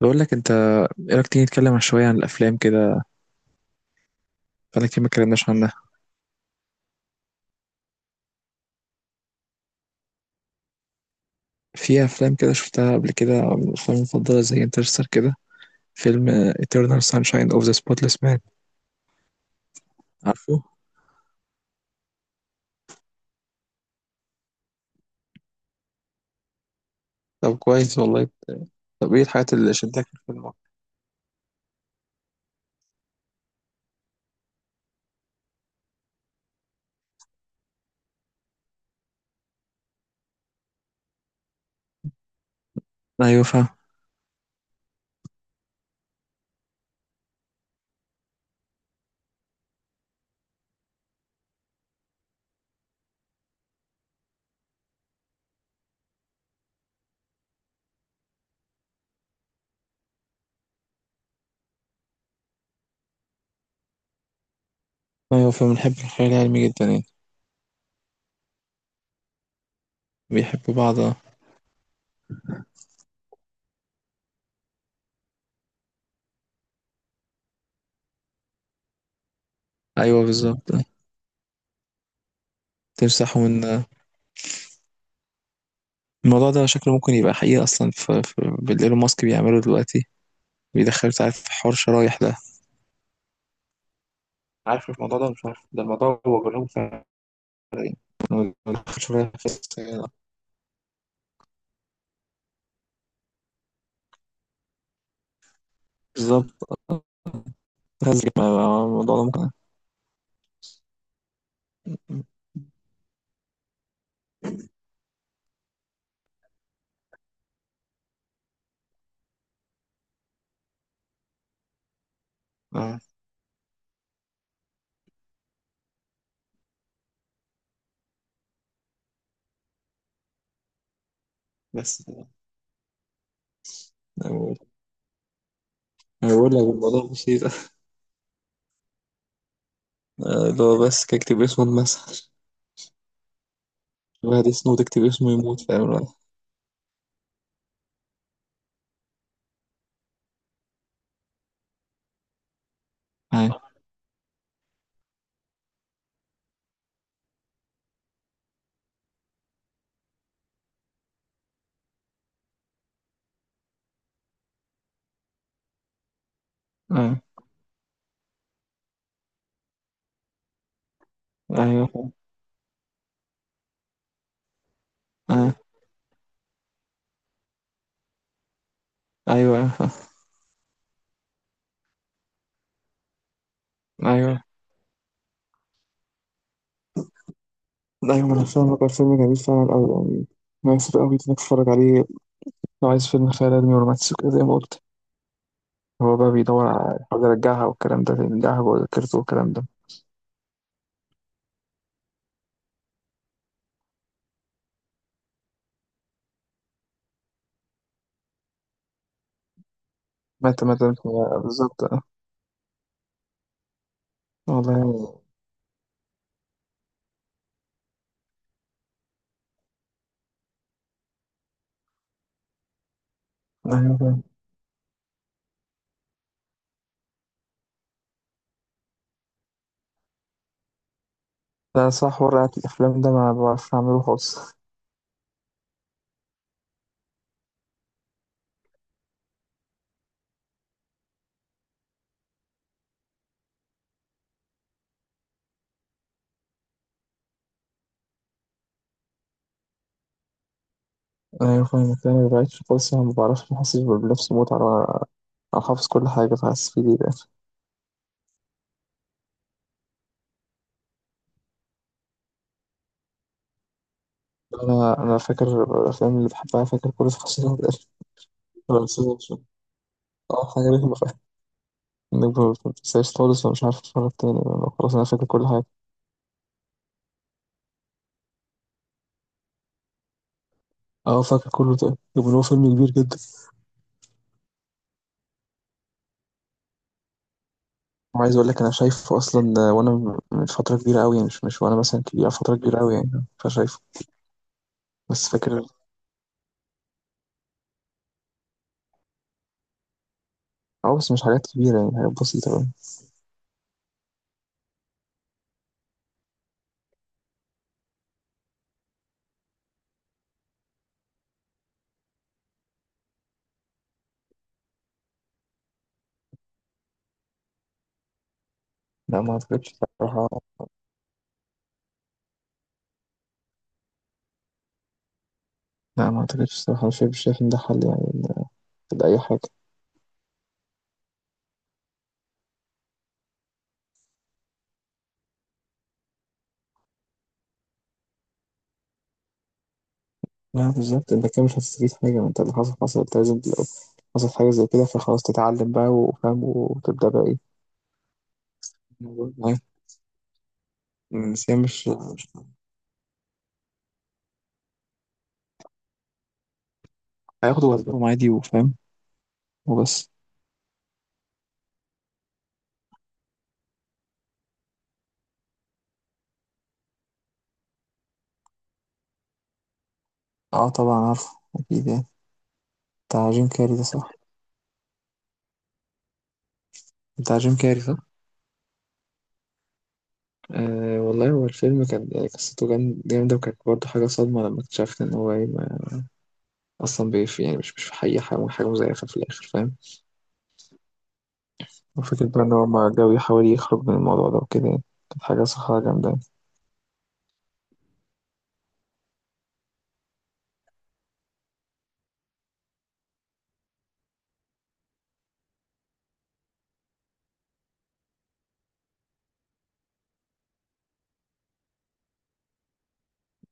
بقول لك انت، ايه رايك تيجي نتكلم عن شويه عن الافلام كده؟ بقالنا كتير ما اتكلمناش عنها. في افلام كده شفتها قبل كده من الافلام المفضله زي انترستر كده، فيلم Eternal Sunshine of the Spotless Mind. عارفه؟ طب كويس والله. طب ايه الحاجات اللي شدتك في الفيلم؟ ايوه فاهم. ايوه فاهم، بنحب الخيال العلمي جدا يعني. بيحبوا بعض. ايوه بالظبط. تمسحوا من. الموضوع ده شكله ممكن يبقى حقيقي اصلا بالايلون ماسك بيعمله دلوقتي. بيدخل تعرف في حوار شرايح ده. عارف الموضوع ده، مش عارف ده الموضوع، هو بيقولهم. شوية بس. بالظبط. هزج مع الموضوع ده ممكن. اه بس كده. أقول أقول لك الموضوع بسيط. اللي هو بس كاكتب اسمه اتمسح. الواحد يسنو تكتب اسمه يموت، فاهم الواحد. ايوه ايوه ايوه. ايوه ايوه ايوه ايوه. أيوة أنا فاهمك، هو الفيلم جميل فعلا أوي يعني. مناسب أوي إنك تتفرج عليه لو عايز فيلم خيال علمي ورومانسي وكده زي ما قلت. هو بقى بيدور على حاجة يرجعها والكلام ده، يرجعها جوه ذاكرته والكلام ده. مات مات مات- بالظبط. والله. أيوة فاهم. لا صح، ورقة الأفلام ده ما بعرفش أعمله خالص. أيوة فاهمك، أنا ما بعرفش خالص، أنا ما بعرفش، ما بحسش بنفس المتعة. على حافظ كل حاجة فحاسس في دي ده. أنا فاكر الأفلام اللي بحبها، فاكر كل تفاصيلها ده. بس هو مش- أه حاجة رخمة فاهم، إنك ما بتنساش خالص ومش عارف تتفرج تاني. أنا خلاص أنا فاكر كل حاجة. أه فاكر كله ده، طب هو فيلم كبير جدا. وعايز أقول لك أنا شايفه أصلا، وأنا من فترة كبيرة أوي يعني، مش وأنا مثلا كبير، فترة كبيرة أوي يعني. فشايفه بس فاكر. اه بس مش حاجات كبيرة يعني، حاجات بسيطة أوي. لا ما أعتقدش الصراحة. لا ما أعتقدش الصراحة، مش شايف إن ده حل يعني لأي حاجة. لا بالظبط، أنت كده مش هتستفيد حاجة، ما أنت اللي حصل حصل، أنت لازم لو حصل حاجة زي كده فخلاص تتعلم بقى وفاهم وتبدأ بقى إيه الموضوع معاه. بس هي مش هياخد وقتهم عادي وفاهم وبس. اه طبعا عارفه أكيد يعني، بتاع جيم كاري ده صح؟ بتاع جيم كاري صح. آه والله هو الفيلم كان يعني قصته جامدة، وكانت برضه حاجة صدمة لما اكتشفت إن هو اصلا بيف يعني، مش في حقيقة، حاجه مزيفه في الاخر فاهم. وفكره بقى ان هو ما جاي يحاول يخرج من الموضوع ده وكده يعني، كانت حاجه صراحه جامده يعني.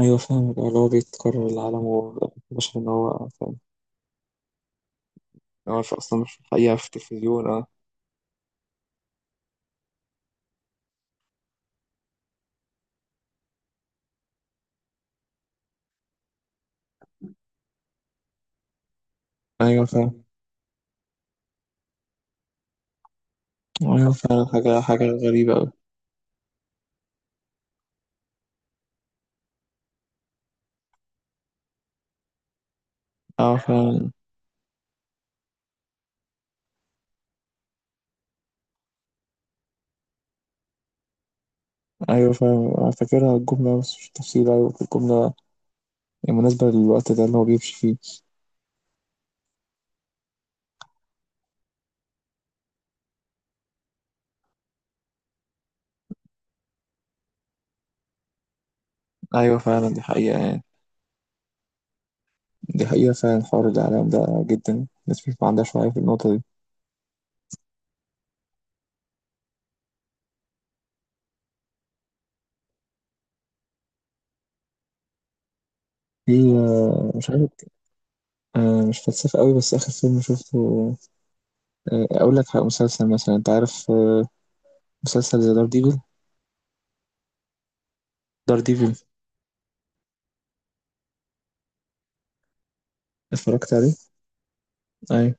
ايوه فاهم بقى اللي هو بيتكرر العالم وبشر ان هو فاهم. هو مش- اصلا مش في الحقيقه، في التلفزيون اه. ايوه فاهم. ايوه فعلا، حاجه غريبه أوي. اه فعلا. ايوه فاهم، أنا فاكرها الجمله بس مش تفصيل. ايوه الجمله يعني مناسبه للوقت ده اللي هو بيمشي فيه. ايوه فعلا، دي حقيقه يعني. دي حقيقه فعلا، حوار الاعلام ده جدا الناس مش ما عندهاش وعي في النقطه دي. في مش عارف، مش فلسفة قوي، بس آخر فيلم شفته، أقول لك على مسلسل مثلا. أنت عارف مسلسل زي دار ديفل؟ دار ديفل. اتفرجت عليه؟ أيوة.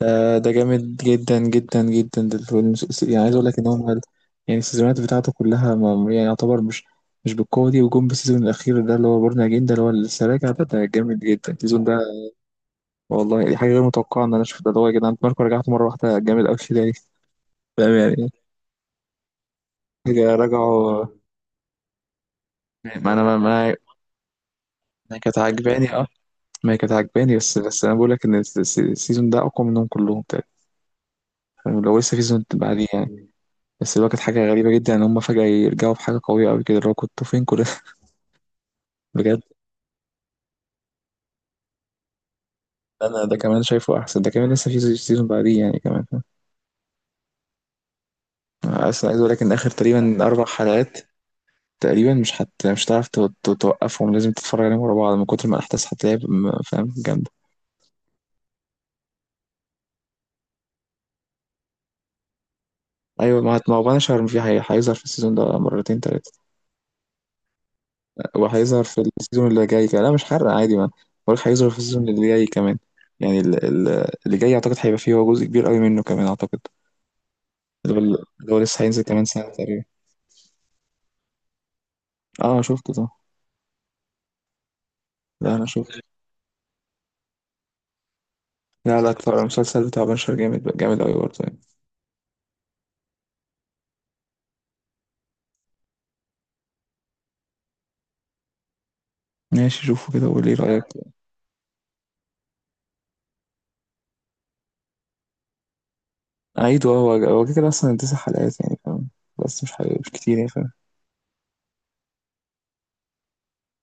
ده ده جامد جدا جدا جدا، ده الفيلم يعني عايز أقول لك إن هم يعني السيزونات بتاعته كلها ما يعني يعتبر مش بالقوة دي، وجم بالسيزون الأخير ده اللي هو بورنا أجين ده اللي هو لسه راجع، ده ده جامد جدا السيزون ده. والله دي حاجة غير متوقعة إن أنا أشوف ده، اللي هو يا جدعان ماركو رجعت مرة واحدة جامد أوي كده ليه؟ فاهم يعني. حاجة رجعوا. ما أنا ما ما- أنا كانت عاجباني. ما هي كانت عجباني، بس انا بقول لك ان السيزون ده اقوى منهم كلهم تقريبا يعني، لو لسه في سيزون بعديه يعني. بس اللي هو كانت حاجه غريبه جدا ان هم فجاه يرجعوا بحاجه قويه قوي كده، اللي هو كنتوا فين كل ده بجد انا ده كمان شايفه احسن، ده كمان لسه في سيزون بعديه يعني كمان. اصلا عايز اقول لك ان اخر تقريبا 4 حلقات تقريبا مش هتعرف توقفهم، لازم تتفرج عليهم ورا بعض من كتر ما الاحداث هتلاقيها فاهم جامده. ايوه ما هو بنشر في هيظهر في السيزون ده مرتين تلاتة. هو هيظهر في السيزون اللي جاي كمان، لا مش حرق عادي ما بقولك هيظهر في السيزون اللي جاي كمان. يعني اللي جاي اعتقد هيبقى فيه هو جزء كبير قوي منه كمان اعتقد. اللي هو لسه هينزل كمان سنة تقريبا. اه شفته ده. لا انا شفته. لا اكتر، المسلسل بتاع بنشر جامد جامد قوي برضه يعني. ماشي شوفه كده وقول لي رأيك. عيد، اه هو هو كده كده اصلا 9 حلقات يعني فاهم، بس مش حي... مش كتير يعني فاهم